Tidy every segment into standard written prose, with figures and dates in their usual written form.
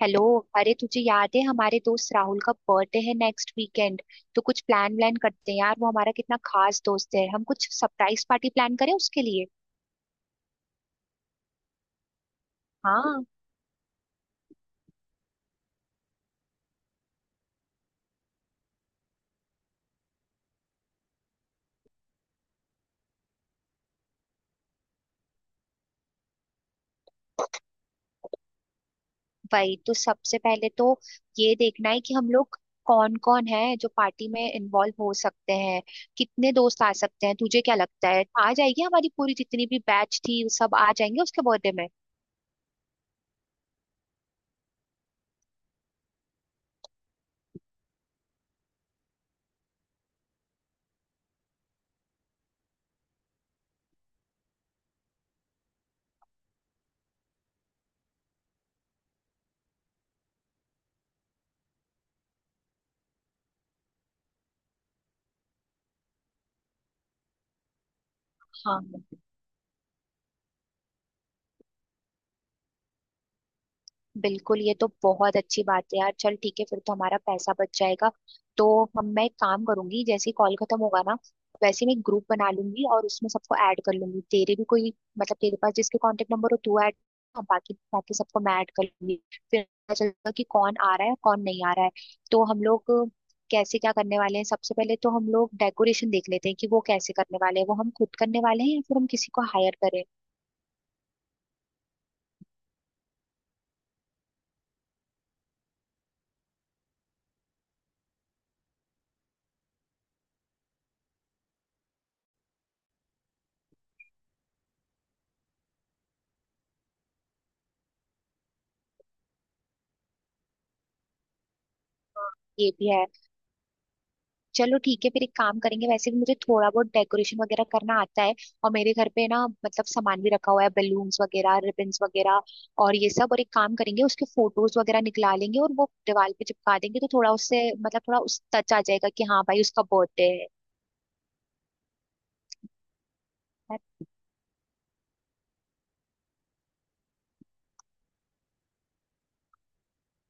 Hello. अरे, तुझे याद है हमारे दोस्त राहुल का बर्थडे है नेक्स्ट वीकेंड। तो कुछ प्लान व्लान करते हैं यार, वो हमारा कितना खास दोस्त है। हम कुछ सरप्राइज पार्टी प्लान करें उसके लिए। हाँ। वही तो। सबसे पहले तो ये देखना है कि हम लोग कौन कौन है जो पार्टी में इन्वॉल्व हो सकते हैं, कितने दोस्त आ सकते हैं। तुझे क्या लगता है, आ जाएगी हमारी पूरी जितनी भी बैच थी, वो सब आ जाएंगे उसके बर्थडे में? हाँ, बिल्कुल, ये तो बहुत अच्छी बात है यार। चल ठीक है, फिर तो हमारा पैसा बच जाएगा। तो हम मैं एक काम करूंगी, जैसे ही कॉल खत्म होगा ना, वैसे मैं ग्रुप बना लूंगी और उसमें सबको ऐड कर लूंगी। तेरे भी कोई, मतलब तेरे पास जिसके कांटेक्ट नंबर हो, तू ऐड, बाकी बाकी सबको मैं ऐड कर लूंगी। फिर पता चलेगा कि कौन आ रहा है, कौन नहीं आ रहा है। तो हम लोग कैसे क्या करने वाले हैं, सबसे पहले तो हम लोग डेकोरेशन देख लेते हैं कि वो कैसे करने वाले हैं, वो हम खुद करने वाले हैं या फिर हम किसी को हायर करें। हाँ, ये भी है। चलो ठीक है, फिर एक काम करेंगे। वैसे भी मुझे थोड़ा बहुत डेकोरेशन वगैरह करना आता है। और मेरे घर पे ना, मतलब सामान भी रखा हुआ है, बलून्स वगैरह, रिबन्स वगैरह और ये सब। और एक काम करेंगे, उसके फोटोज वगैरह निकला लेंगे और वो दीवार पे चिपका देंगे, तो थोड़ा उससे मतलब थोड़ा उस टच आ जाएगा कि हाँ भाई उसका बर्थडे है।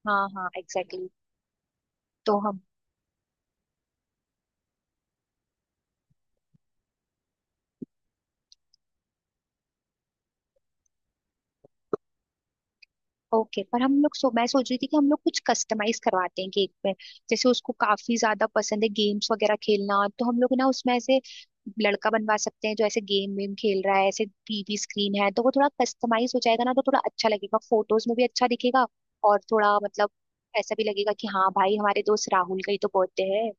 हाँ हाँ, एग्जैक्टली। तो हम। ओके, पर हम लोग, सो मैं सोच रही थी कि हम लोग कुछ कस्टमाइज करवाते हैं केक में। जैसे उसको काफी ज्यादा पसंद है गेम्स वगैरह खेलना, तो हम लोग ना उसमें ऐसे लड़का बनवा सकते हैं जो ऐसे गेम वेम खेल रहा है, ऐसे टीवी स्क्रीन है, तो वो थोड़ा कस्टमाइज हो जाएगा ना, तो थोड़ा अच्छा लगेगा, फोटोज में भी अच्छा दिखेगा। और थोड़ा मतलब ऐसा भी लगेगा कि हाँ भाई हमारे दोस्त राहुल का ही तो बर्थडे है।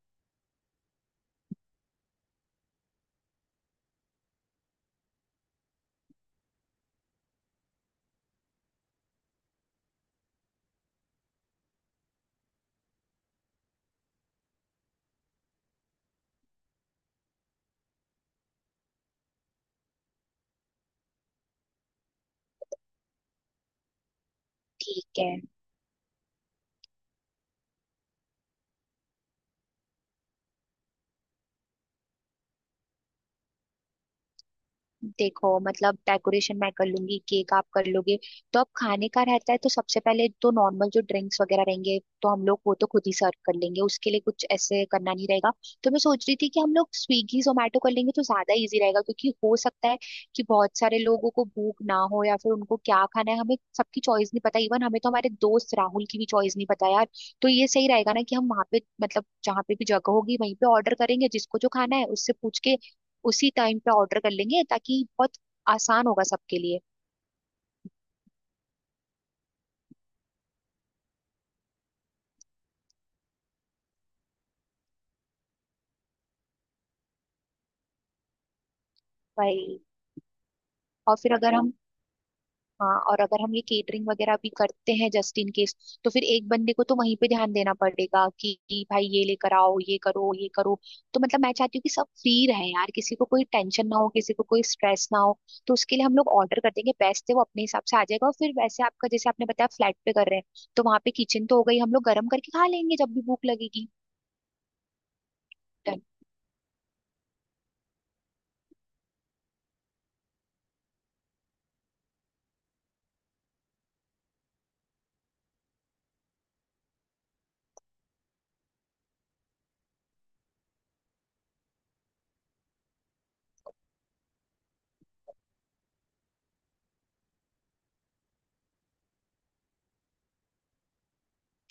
ठीक है। देखो मतलब डेकोरेशन मैं कर लूंगी, केक आप कर लोगे, तो अब खाने का रहता है। तो सबसे पहले तो नॉर्मल जो ड्रिंक्स वगैरह रहेंगे, तो हम लोग वो तो खुद ही सर्व कर लेंगे, उसके लिए कुछ ऐसे करना नहीं रहेगा। तो मैं सोच रही थी कि हम लोग स्विगी जोमेटो कर लेंगे तो ज्यादा इजी रहेगा, क्योंकि हो सकता है कि बहुत सारे लोगों को भूख ना हो या फिर उनको क्या खाना है हमें सबकी चॉइस नहीं पता। इवन हमें तो हमारे दोस्त राहुल की भी चॉइस नहीं पता यार। तो ये सही रहेगा ना कि हम वहाँ पे मतलब जहाँ पे भी जगह होगी वहीं पे ऑर्डर करेंगे, जिसको जो खाना है उससे पूछ के उसी टाइम पे ऑर्डर कर लेंगे, ताकि बहुत आसान होगा सबके लिए। भाई, और फिर अगर हम, हाँ, और अगर हम ये केटरिंग वगैरह भी करते हैं जस्ट इन केस, तो फिर एक बंदे को तो वहीं पे ध्यान देना पड़ेगा कि भाई ये लेकर आओ, ये करो, ये करो। तो मतलब मैं चाहती हूँ कि सब फ्री रहे यार, किसी को कोई टेंशन ना हो, किसी को कोई स्ट्रेस ना हो। तो उसके लिए हम लोग ऑर्डर कर देंगे, बेस्ट है, वो अपने हिसाब से आ जाएगा। और फिर वैसे आपका जैसे आपने बताया फ्लैट पे कर रहे हैं तो वहां पे किचन तो हो गई, हम लोग गर्म करके खा लेंगे जब भी भूख लगेगी।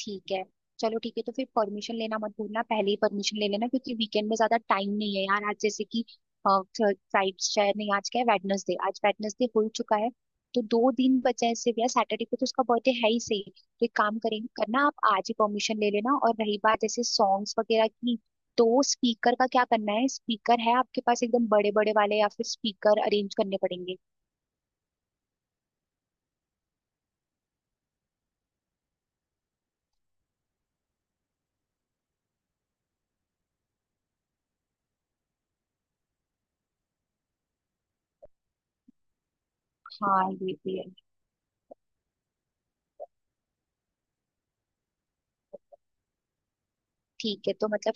ठीक है। चलो ठीक है, तो फिर परमिशन लेना मत भूलना, पहले ही परमिशन ले लेना, क्योंकि वीकेंड में ज्यादा टाइम नहीं है यार। आज जैसे कि फ्राइड शायद नहीं, आज क्या है, वेडनेसडे, आज वेडनेसडे हो चुका है। तो दो दिन बचे हैं सिर्फ यार, सैटरडे को तो उसका बर्थडे है ही सही। तो एक काम करेंगे, करना आप आज ही परमिशन ले लेना। और रही बात जैसे सॉन्ग्स वगैरह की, तो स्पीकर का क्या करना है, स्पीकर है आपके पास एकदम बड़े बड़े वाले या फिर स्पीकर अरेंज करने पड़ेंगे? हाँ, ये भी है। ठीक है तो मतलब।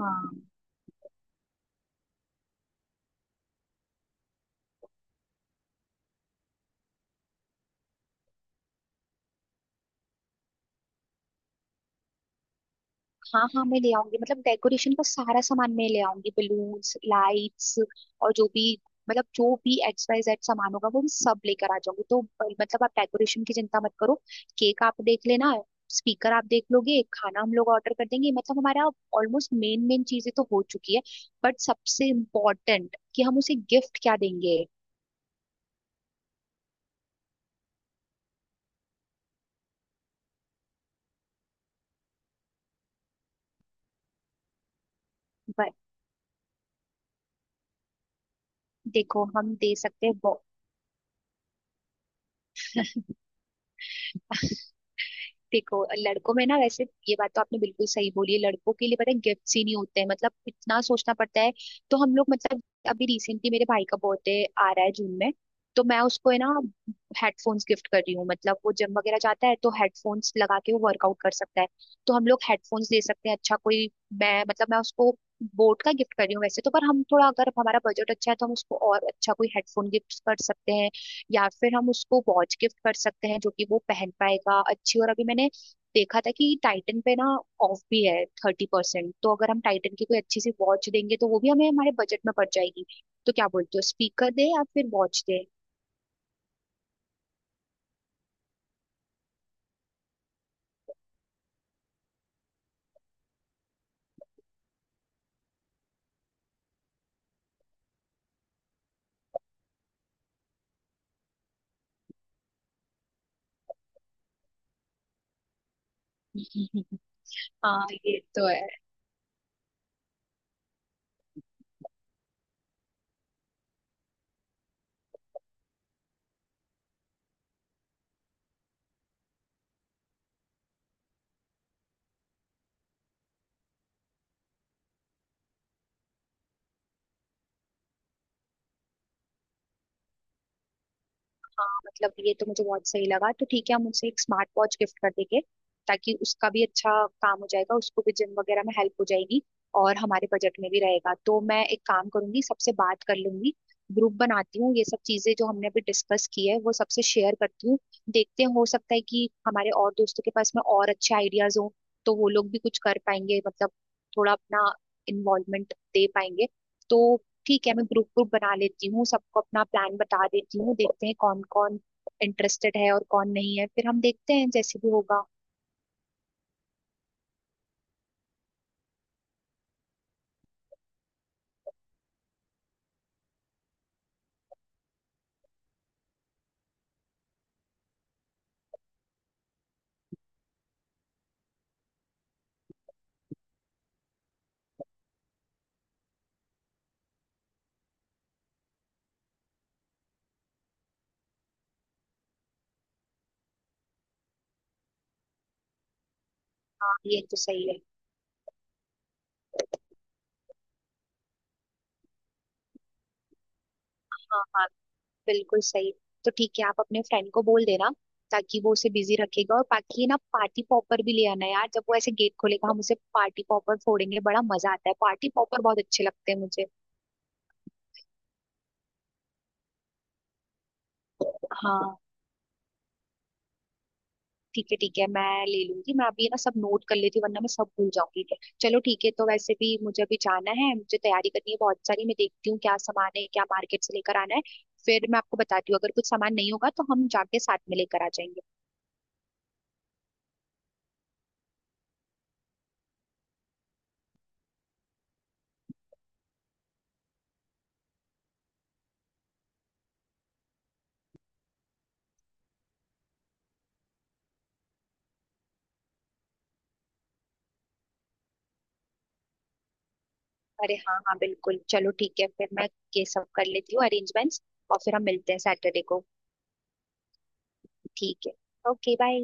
हाँ हाँ हाँ, मैं ले आऊंगी, मतलब डेकोरेशन का सारा सामान मैं ले आऊंगी, बलून्स, लाइट्स और जो भी, मतलब जो भी एक्स वाई जेड सामान होगा वो मैं सब लेकर आ जाऊंगी। तो मतलब आप डेकोरेशन की चिंता मत करो। केक आप देख लेना, स्पीकर आप देख लोगे, खाना हम लोग ऑर्डर कर देंगे। मतलब हमारा ऑलमोस्ट मेन मेन चीजें तो हो चुकी है। बट सबसे इम्पोर्टेंट कि हम उसे गिफ्ट क्या देंगे। ब- देखो हम दे सकते हैं। देखो, लड़कों में ना वैसे, ये बात तो आपने बिल्कुल सही बोली है, लड़कों के लिए पता है गिफ्ट्स ही नहीं होते हैं, मतलब इतना सोचना पड़ता है। तो हम लोग, मतलब अभी रिसेंटली मेरे भाई का बर्थडे आ रहा है जून में। तो मैं उसको, है ना, हेडफोन्स गिफ्ट कर रही हूँ। मतलब वो जिम वगैरह जाता है, तो हेडफोन्स लगा के वो वर्कआउट कर सकता है। तो हम लोग हेडफोन्स दे सकते हैं अच्छा कोई। मैं मतलब मैं उसको बोट का गिफ्ट कर रही हूँ वैसे तो, पर हम थोड़ा अगर हमारा बजट अच्छा है तो हम उसको और अच्छा कोई हेडफोन गिफ्ट कर सकते हैं। या फिर हम उसको वॉच गिफ्ट कर सकते हैं जो कि वो पहन पाएगा अच्छी। और अभी मैंने देखा था कि टाइटन पे ना ऑफ भी है 30%, तो अगर हम टाइटन की कोई अच्छी सी वॉच देंगे तो वो भी हमें हमारे बजट में पड़ जाएगी। तो क्या बोलते हो, स्पीकर दे या फिर वॉच दे? हाँ ये तो है। हाँ मतलब ये तो मुझे बहुत सही लगा। तो ठीक है, हम उसे एक स्मार्ट वॉच गिफ्ट कर देंगे, ताकि उसका भी अच्छा काम हो जाएगा, उसको भी जिम वगैरह में हेल्प हो जाएगी, और हमारे बजट में भी रहेगा। तो मैं एक काम करूंगी, सबसे बात कर लूंगी, ग्रुप बनाती हूँ, ये सब चीजें जो हमने अभी डिस्कस की है वो सबसे शेयर करती हूँ। देखते हैं, हो सकता है कि हमारे और दोस्तों के पास में और अच्छे आइडियाज हों, तो वो लोग भी कुछ कर पाएंगे, मतलब थोड़ा अपना इन्वॉल्वमेंट दे पाएंगे। तो ठीक है, मैं ग्रुप ग्रुप बना लेती हूँ, सबको अपना प्लान बता देती हूँ, देखते हैं कौन कौन इंटरेस्टेड है और कौन नहीं है, फिर हम देखते हैं जैसे भी होगा। हाँ, ये तो सही है। हाँ हाँ, बिल्कुल सही। तो ठीक है, आप अपने फ्रेंड को बोल देना ताकि वो उसे बिजी रखेगा। और बाकी ना पार्टी पॉपर भी ले आना यार, जब वो ऐसे गेट खोलेगा हम उसे पार्टी पॉपर फोड़ेंगे, बड़ा मजा आता है, पार्टी पॉपर बहुत अच्छे लगते हैं मुझे। हाँ। ठीक है ठीक है, मैं ले लूंगी। मैं अभी ना सब नोट कर लेती हूँ वरना मैं सब भूल जाऊंगी। चलो ठीक है, तो वैसे भी मुझे अभी जाना है, मुझे तैयारी करनी है बहुत सारी, मैं देखती हूँ क्या सामान है, क्या मार्केट से लेकर आना है, फिर मैं आपको बताती हूँ। अगर कुछ सामान नहीं होगा तो हम जाके साथ में लेकर आ जाएंगे। अरे हाँ हाँ, बिल्कुल, चलो ठीक है, फिर मैं ये सब कर लेती हूँ अरेंजमेंट्स, और फिर हम मिलते हैं सैटरडे को। ठीक है। Okay, bye.